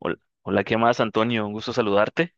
Hola, hola, ¿qué más, Antonio? Un gusto saludarte.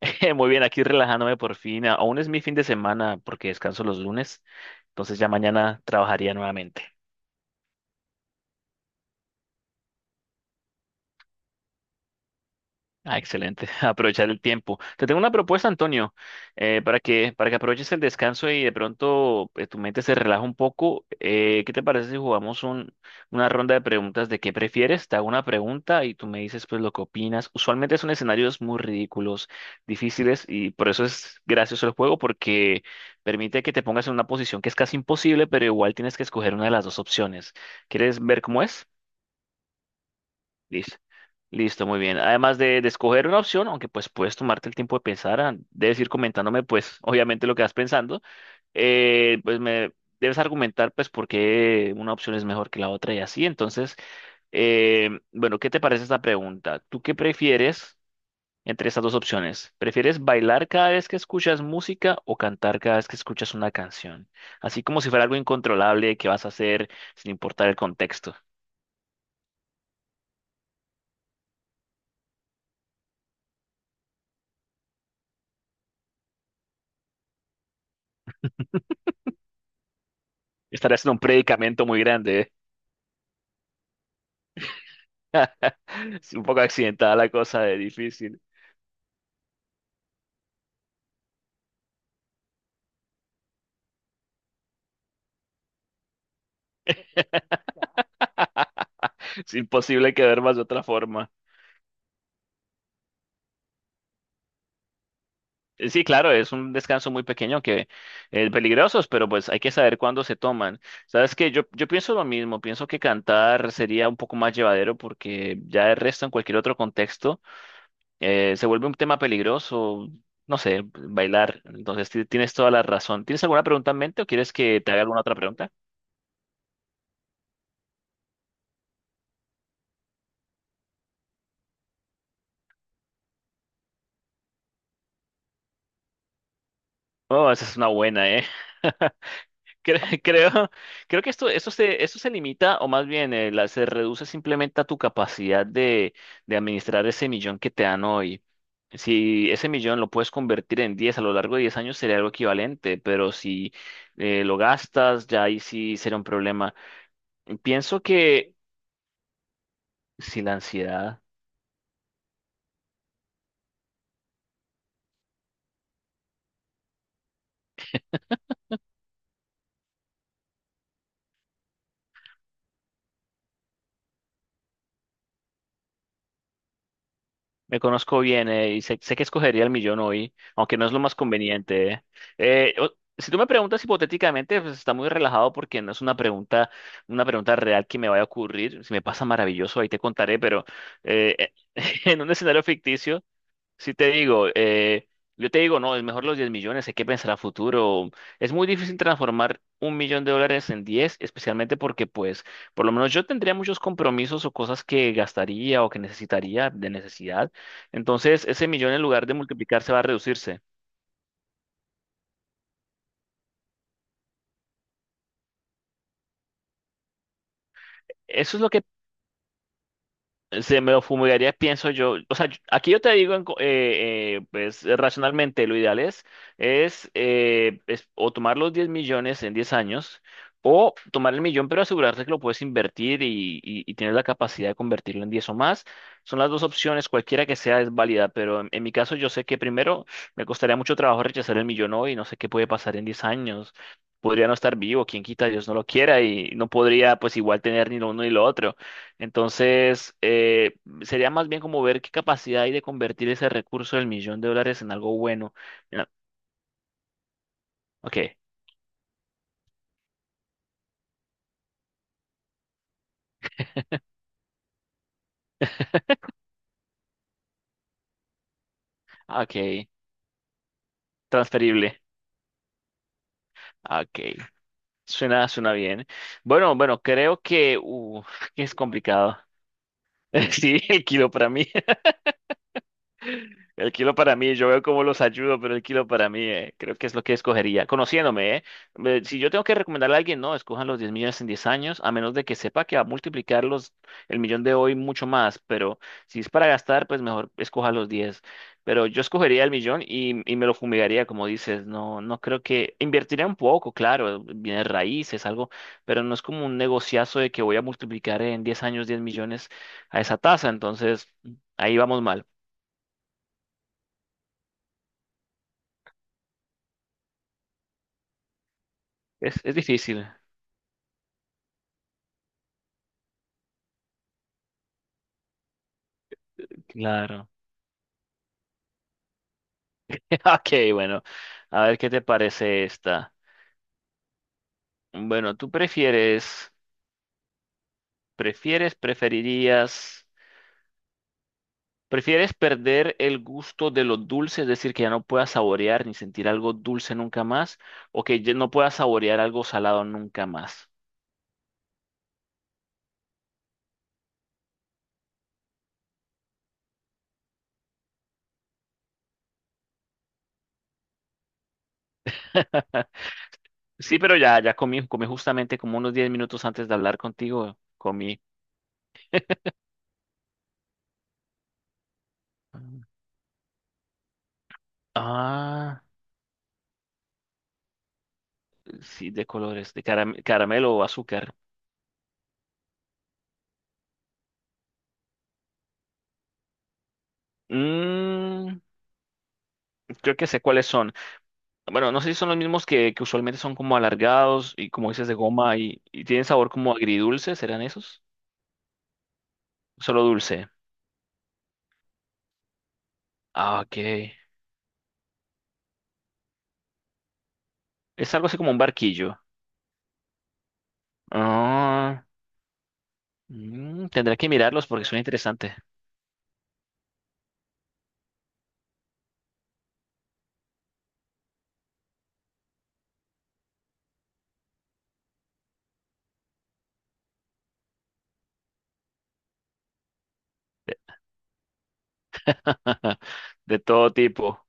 Muy bien, aquí relajándome por fin. Aún es mi fin de semana porque descanso los lunes, entonces ya mañana trabajaría nuevamente. Ah, excelente. Aprovechar el tiempo. Te tengo una propuesta, Antonio, para que aproveches el descanso y de pronto tu mente se relaja un poco. ¿Qué te parece si jugamos una ronda de preguntas de qué prefieres? Te hago una pregunta y tú me dices pues lo que opinas. Usualmente son escenarios muy ridículos, difíciles y por eso es gracioso el juego porque permite que te pongas en una posición que es casi imposible, pero igual tienes que escoger una de las dos opciones. ¿Quieres ver cómo es? Listo. Listo, muy bien. Además de escoger una opción, aunque pues puedes tomarte el tiempo de pensar, debes ir comentándome pues obviamente lo que vas pensando, pues me debes argumentar pues por qué una opción es mejor que la otra y así. Entonces, bueno, ¿qué te parece esta pregunta? ¿Tú qué prefieres entre estas dos opciones? ¿Prefieres bailar cada vez que escuchas música o cantar cada vez que escuchas una canción? Así como si fuera algo incontrolable que vas a hacer sin importar el contexto. Estarás en un predicamento muy grande. ¿Eh? Es un poco accidentada la cosa, es difícil. Es imposible que duermas de otra forma. Sí, claro, es un descanso muy pequeño que es peligrosos, pero pues hay que saber cuándo se toman. Sabes que yo pienso lo mismo, pienso que cantar sería un poco más llevadero porque ya el resto en cualquier otro contexto se vuelve un tema peligroso, no sé, bailar. Entonces tienes toda la razón. ¿Tienes alguna pregunta en mente o quieres que te haga alguna otra pregunta? Oh, esa es una buena, ¿eh? Cre- Creo, creo, que esto se limita, o más bien se reduce simplemente a tu capacidad de administrar ese millón que te dan hoy. Si ese millón lo puedes convertir en 10 a lo largo de 10 años sería algo equivalente, pero si lo gastas, ya ahí sí sería un problema. Pienso que si la ansiedad. Me conozco bien y sé que escogería el millón hoy, aunque no es lo más conveniente. Eh, o- si tú me preguntas hipotéticamente, pues está muy relajado porque no es una pregunta real que me vaya a ocurrir. Si me pasa maravilloso, ahí te contaré, pero eh, en un escenario ficticio. Si te digo, yo te digo, no, es mejor los 10 millones, hay que pensar a futuro. Es muy difícil transformar un millón de dólares en 10, especialmente porque, pues, por lo menos yo tendría muchos compromisos o cosas que gastaría o que necesitaría de necesidad. Entonces, ese millón en lugar de multiplicar se va a reducirse. Eso es lo que. Se me lo fumigaría, pienso yo. O sea, aquí yo te digo, pues racionalmente, lo ideal es o tomar los 10 millones en 10 años, o tomar el millón, pero asegurarse que lo puedes invertir y tener la capacidad de convertirlo en 10 o más. Son las dos opciones, cualquiera que sea es válida, pero en mi caso yo sé que primero me costaría mucho trabajo rechazar el millón hoy, no sé qué puede pasar en 10 años. Podría no estar vivo, quien quita, Dios no lo quiera, y no podría pues igual tener ni lo uno ni lo otro. Entonces, sería más bien como ver qué capacidad hay de convertir ese recurso del millón de dólares en algo bueno. Ya, ok, ok, transferible. Ok, suena bien. Bueno, bueno, creo que, que es complicado. Sí, el kilo para mí. El kilo para mí, yo veo cómo los ayudo, pero el kilo para mí, creo que es lo que escogería. Conociéndome, ¿eh? Si yo tengo que recomendarle a alguien, no, escojan los 10 millones en 10 años, a menos de que sepa que va a multiplicar el millón de hoy mucho más. Pero si es para gastar, pues mejor escoja los 10. Pero yo escogería el millón y me lo fumigaría, como dices. No, no creo que. Invertiría un poco, claro, bienes raíces, algo, pero no es como un negociazo de que voy a multiplicar en 10 años 10 millones a esa tasa. Entonces, ahí vamos mal. Es, difícil. Claro. Ok, bueno. A ver qué te parece esta. Bueno, ¿tú prefieres, preferirías, prefieres perder el gusto de lo dulce, es decir, que ya no puedas saborear ni sentir algo dulce nunca más, o que ya no puedas saborear algo salado nunca más? Sí, pero ya comí justamente como unos 10 minutos antes de hablar contigo, comí. Ah, sí, de colores, de caramelo o azúcar. Mm, creo que sé cuáles son. Bueno, no sé si son los mismos que usualmente son como alargados y como dices de goma y tienen sabor como agridulce, ¿serán esos? Solo dulce. Ah, ok. Es algo así como un barquillo. Ah, tendré que mirarlos porque son interesantes. De todo tipo.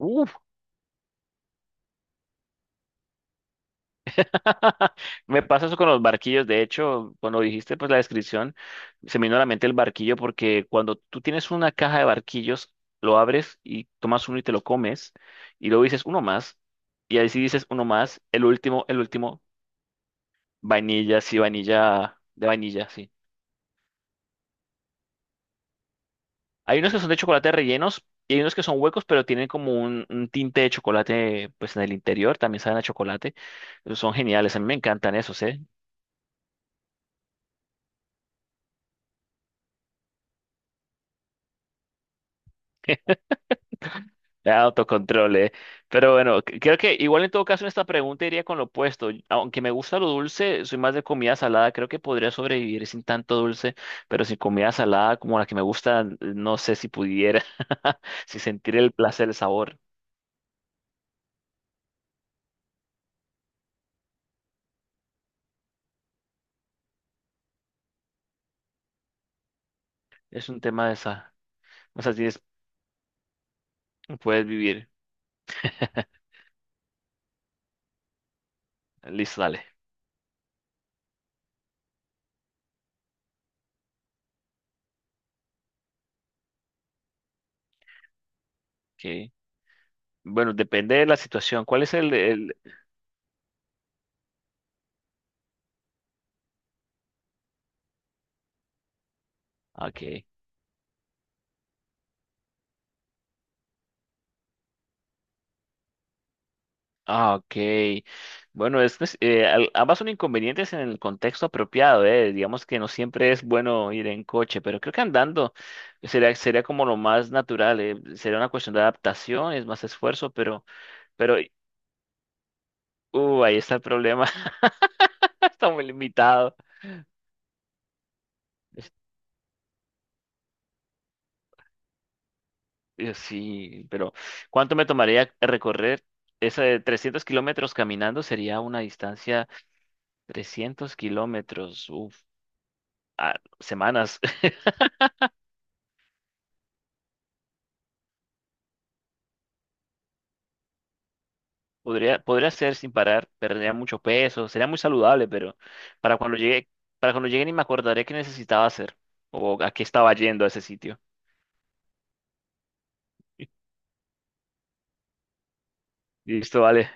Uh, Me pasa eso con los barquillos. De hecho, cuando dijiste pues la descripción, se me vino a la mente el barquillo porque cuando tú tienes una caja de barquillos, lo abres y tomas uno y te lo comes y luego dices uno más y ahí sí dices uno más, el último, vainilla, sí, vainilla, de vainilla, sí. Hay unos que son de chocolate rellenos y hay unos que son huecos pero tienen como un tinte de chocolate pues en el interior, también saben a chocolate. Son geniales, a mí me encantan esos, ¿eh? Ah, autocontrol, eh. Pero bueno, creo que igual en todo caso en esta pregunta iría con lo opuesto. Aunque me gusta lo dulce, soy más de comida salada. Creo que podría sobrevivir sin tanto dulce, pero sin comida salada como la que me gusta, no sé si pudiera, si sentir el placer, el sabor. Es un tema de esa. O sea, puedes vivir. Listo, dale. Okay. Bueno, depende de la situación. ¿Cuál es el. Ok. Ah, ok. Bueno, es que ambas son inconvenientes en el contexto apropiado, eh. Digamos que no siempre es bueno ir en coche, pero creo que andando sería como lo más natural, eh. Sería una cuestión de adaptación, es más esfuerzo, pero, ahí está el problema, está muy limitado. Es- Sí, pero ¿cuánto me tomaría recorrer esa de 300 kilómetros caminando? Sería una distancia 300 kilómetros, uf, a semanas. Podría hacer sin parar, perdería mucho peso, sería muy saludable, pero para cuando llegue, para cuando llegue ni me acordaré qué necesitaba hacer o a qué estaba yendo a ese sitio. Listo, vale.